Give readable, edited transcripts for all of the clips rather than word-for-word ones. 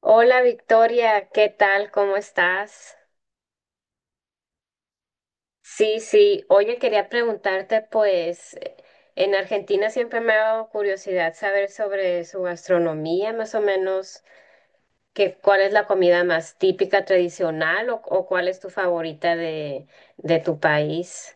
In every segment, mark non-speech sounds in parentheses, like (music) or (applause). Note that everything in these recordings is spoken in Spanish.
Hola Victoria, ¿qué tal? ¿Cómo estás? Sí, sí. Oye, quería preguntarte, pues, en Argentina siempre me ha dado curiosidad saber sobre su gastronomía, más o menos, que, cuál es la comida más típica, tradicional, o cuál es tu favorita de tu país.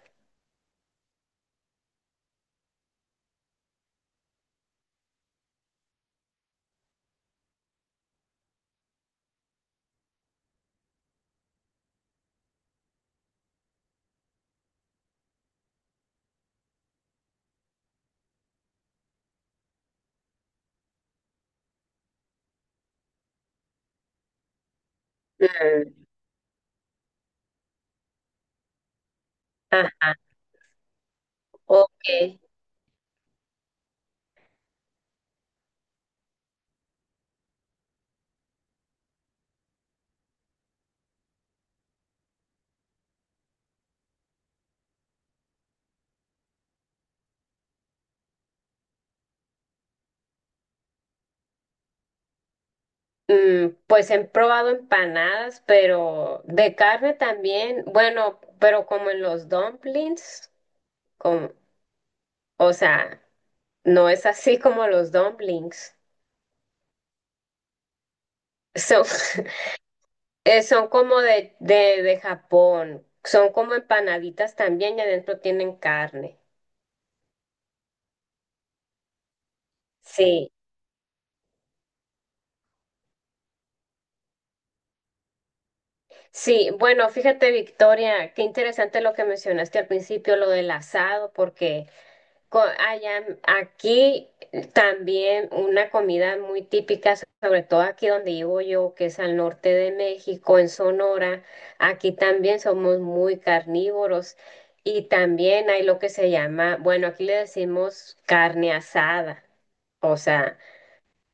Mm. Ah, ok. Mm, pues he probado empanadas, pero de carne también, bueno, pero como en los dumplings, como, o sea. No es así como los dumplings. Son, (laughs) son como de, de Japón. Son como empanaditas también y adentro tienen carne. Sí, sí. Bueno, fíjate, Victoria, qué interesante lo que mencionaste al principio, lo del asado, porque allá, aquí también una comida muy típica, sobre todo aquí donde vivo yo, que es al norte de México, en Sonora, aquí también somos muy carnívoros y también hay lo que se llama, bueno, aquí le decimos carne asada, o sea,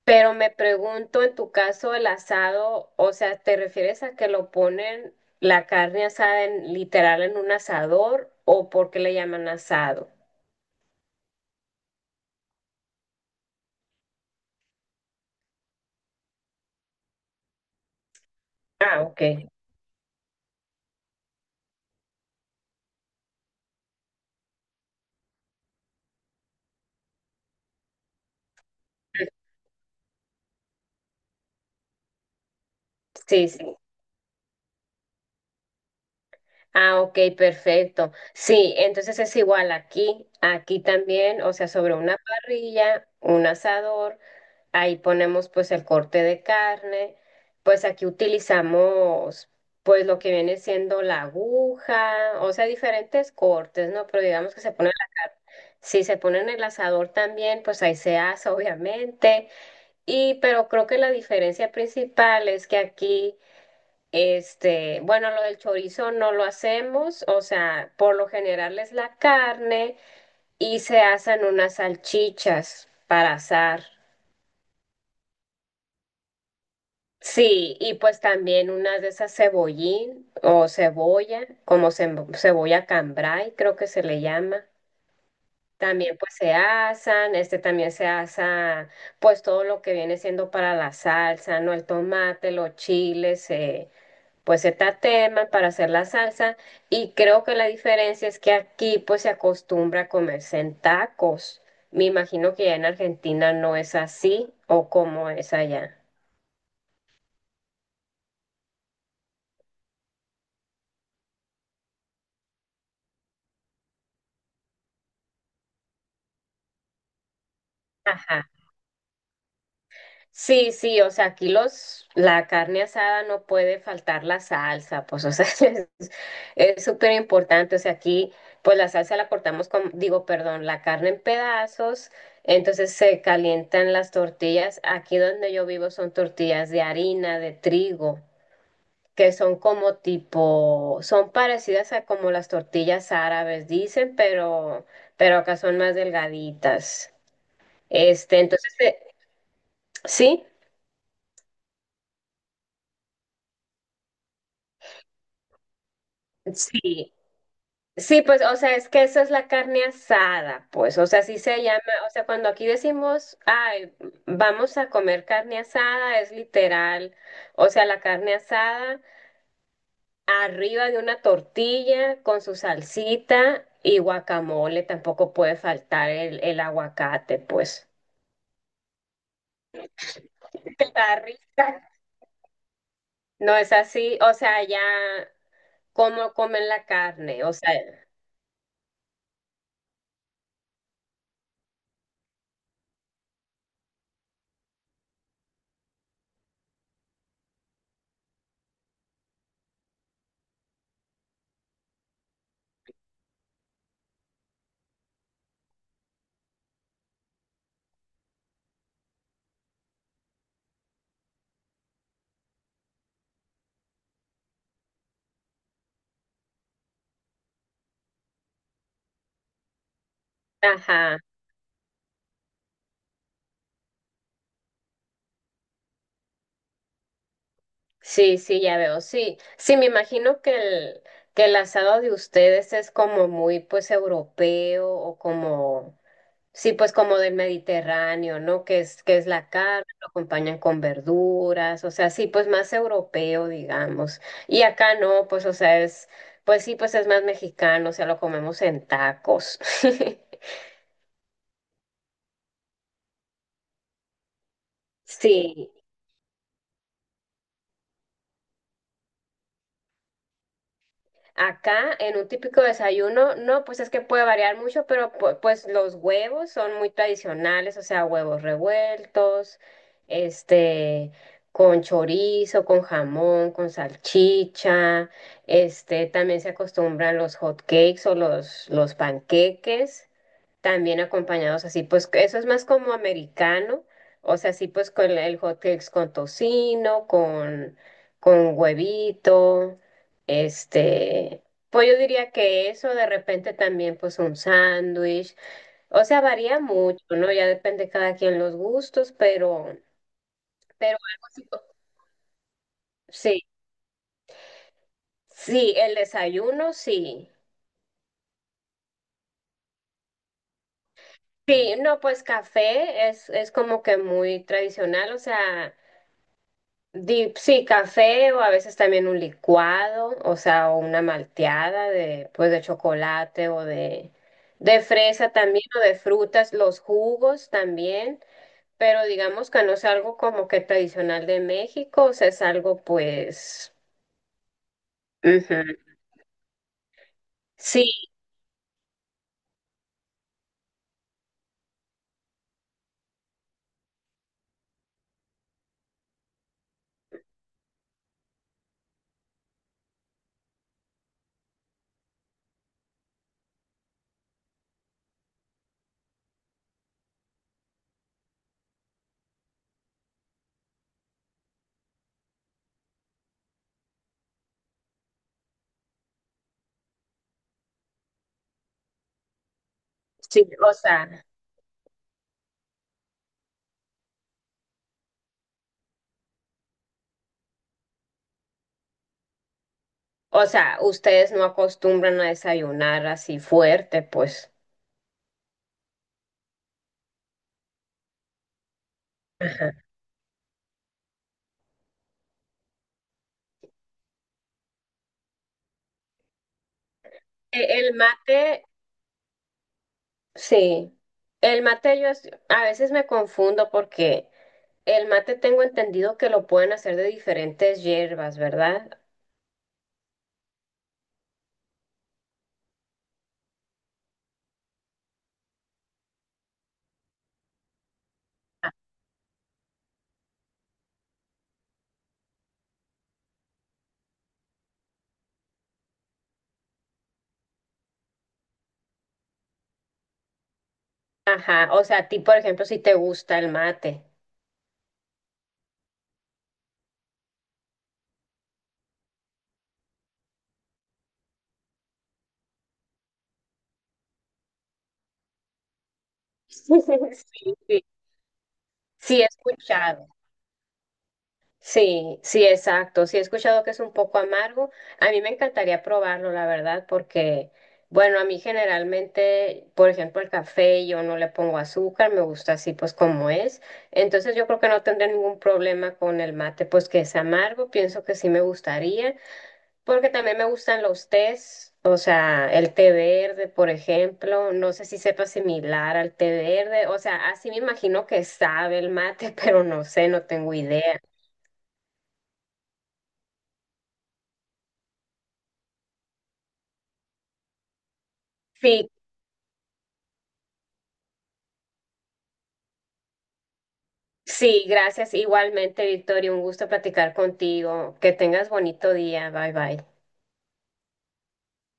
pero me pregunto en tu caso el asado, o sea, ¿te refieres a que lo ponen la carne asada en, literal en un asador o por qué le llaman asado? Ah, ok. Sí, sí. Ah, ok, perfecto. Sí, entonces es igual aquí, aquí también, o sea, sobre una parrilla, un asador, ahí ponemos pues el corte de carne, pues aquí utilizamos pues lo que viene siendo la aguja, o sea, diferentes cortes, ¿no? Pero digamos que se pone, si se pone en el asador también, pues ahí se asa, obviamente, y pero creo que la diferencia principal es que aquí... Este, bueno, lo del chorizo no lo hacemos, o sea, por lo general es la carne y se hacen unas salchichas para asar. Sí, y pues también unas de esas cebollín o cebolla, como cebolla cambray, creo que se le llama. También pues se asan, este también se asa pues todo lo que viene siendo para la salsa, ¿no? El tomate, los chiles, pues se tateman para hacer la salsa y creo que la diferencia es que aquí pues se acostumbra a comerse en tacos. Me imagino que ya en Argentina no es así o como es allá. Ajá. Sí, sí, o sea, aquí los, la carne asada no puede faltar la salsa, pues, o sea, (laughs) es es súper importante, o sea, aquí, pues la salsa la cortamos con, digo, perdón, la carne en pedazos, entonces se calientan las tortillas, aquí donde yo vivo son tortillas de harina, de trigo, que son como tipo, son parecidas a como las tortillas árabes, dicen, pero acá son más delgaditas, este, entonces, sí. Sí, sí, pues, o sea, es que eso es la carne asada, pues, o sea, así se llama, o sea, cuando aquí decimos, ay, vamos a comer carne asada, es literal, o sea, la carne asada arriba de una tortilla con su salsita y guacamole, tampoco puede faltar el aguacate, pues. Está rica. No es así, o sea, ya cómo comen la carne, o sea, ajá. Sí, sí, ya veo, sí. Sí, me imagino que el asado de ustedes es como muy, pues, europeo o como, sí, pues, como del Mediterráneo, ¿no? Que es la carne, lo acompañan con verduras, o sea, sí, pues, más europeo, digamos. Y acá no, pues, o sea, es, pues, sí, pues, es más mexicano, o sea, lo comemos en tacos. (laughs) Sí. Acá, en un típico desayuno, no, pues es que puede variar mucho, pero pues los huevos son muy tradicionales, o sea, huevos revueltos, este, con chorizo, con jamón, con salchicha, este, también se acostumbran los hot cakes o los panqueques. También acompañados así, pues que eso es más como americano, o sea, así pues con el hot cakes con tocino, con huevito, este, pues yo diría que eso de repente también pues un sándwich, o sea, varía mucho, ¿no? Ya depende de cada quien los gustos, pero algo así, co- sí, sí, el desayuno, sí. Sí, no, pues café es como que muy tradicional, o sea... Sí, café o a veces también un licuado, o sea, o una malteada de, pues, de chocolate o de fresa también o de frutas, los jugos también, pero digamos que no es algo como que tradicional de México, o sea, es algo pues, ujú. Sí, sí, o sea, ustedes no acostumbran a desayunar así fuerte, pues. Ajá. El mate, sí. El mate yo a veces me confundo porque el mate tengo entendido que lo pueden hacer de diferentes hierbas, ¿verdad? Ajá, o sea, a ti, por ejemplo, si te gusta el mate. (laughs) Sí, sí, sí he escuchado. Sí, sí, exacto. Sí he escuchado que es un poco amargo. A mí me encantaría probarlo, la verdad, porque, bueno, a mí generalmente, por ejemplo, el café yo no le pongo azúcar, me gusta así pues como es. Entonces yo creo que no tendré ningún problema con el mate, pues que es amargo, pienso que sí me gustaría. Porque también me gustan los tés, o sea, el té verde, por ejemplo, no sé si sepa similar al té verde, o sea, así me imagino que sabe el mate, (laughs) pero no sé, no tengo idea. Sí, sí, gracias igualmente, Victoria, un gusto platicar contigo, que tengas bonito día, bye bye.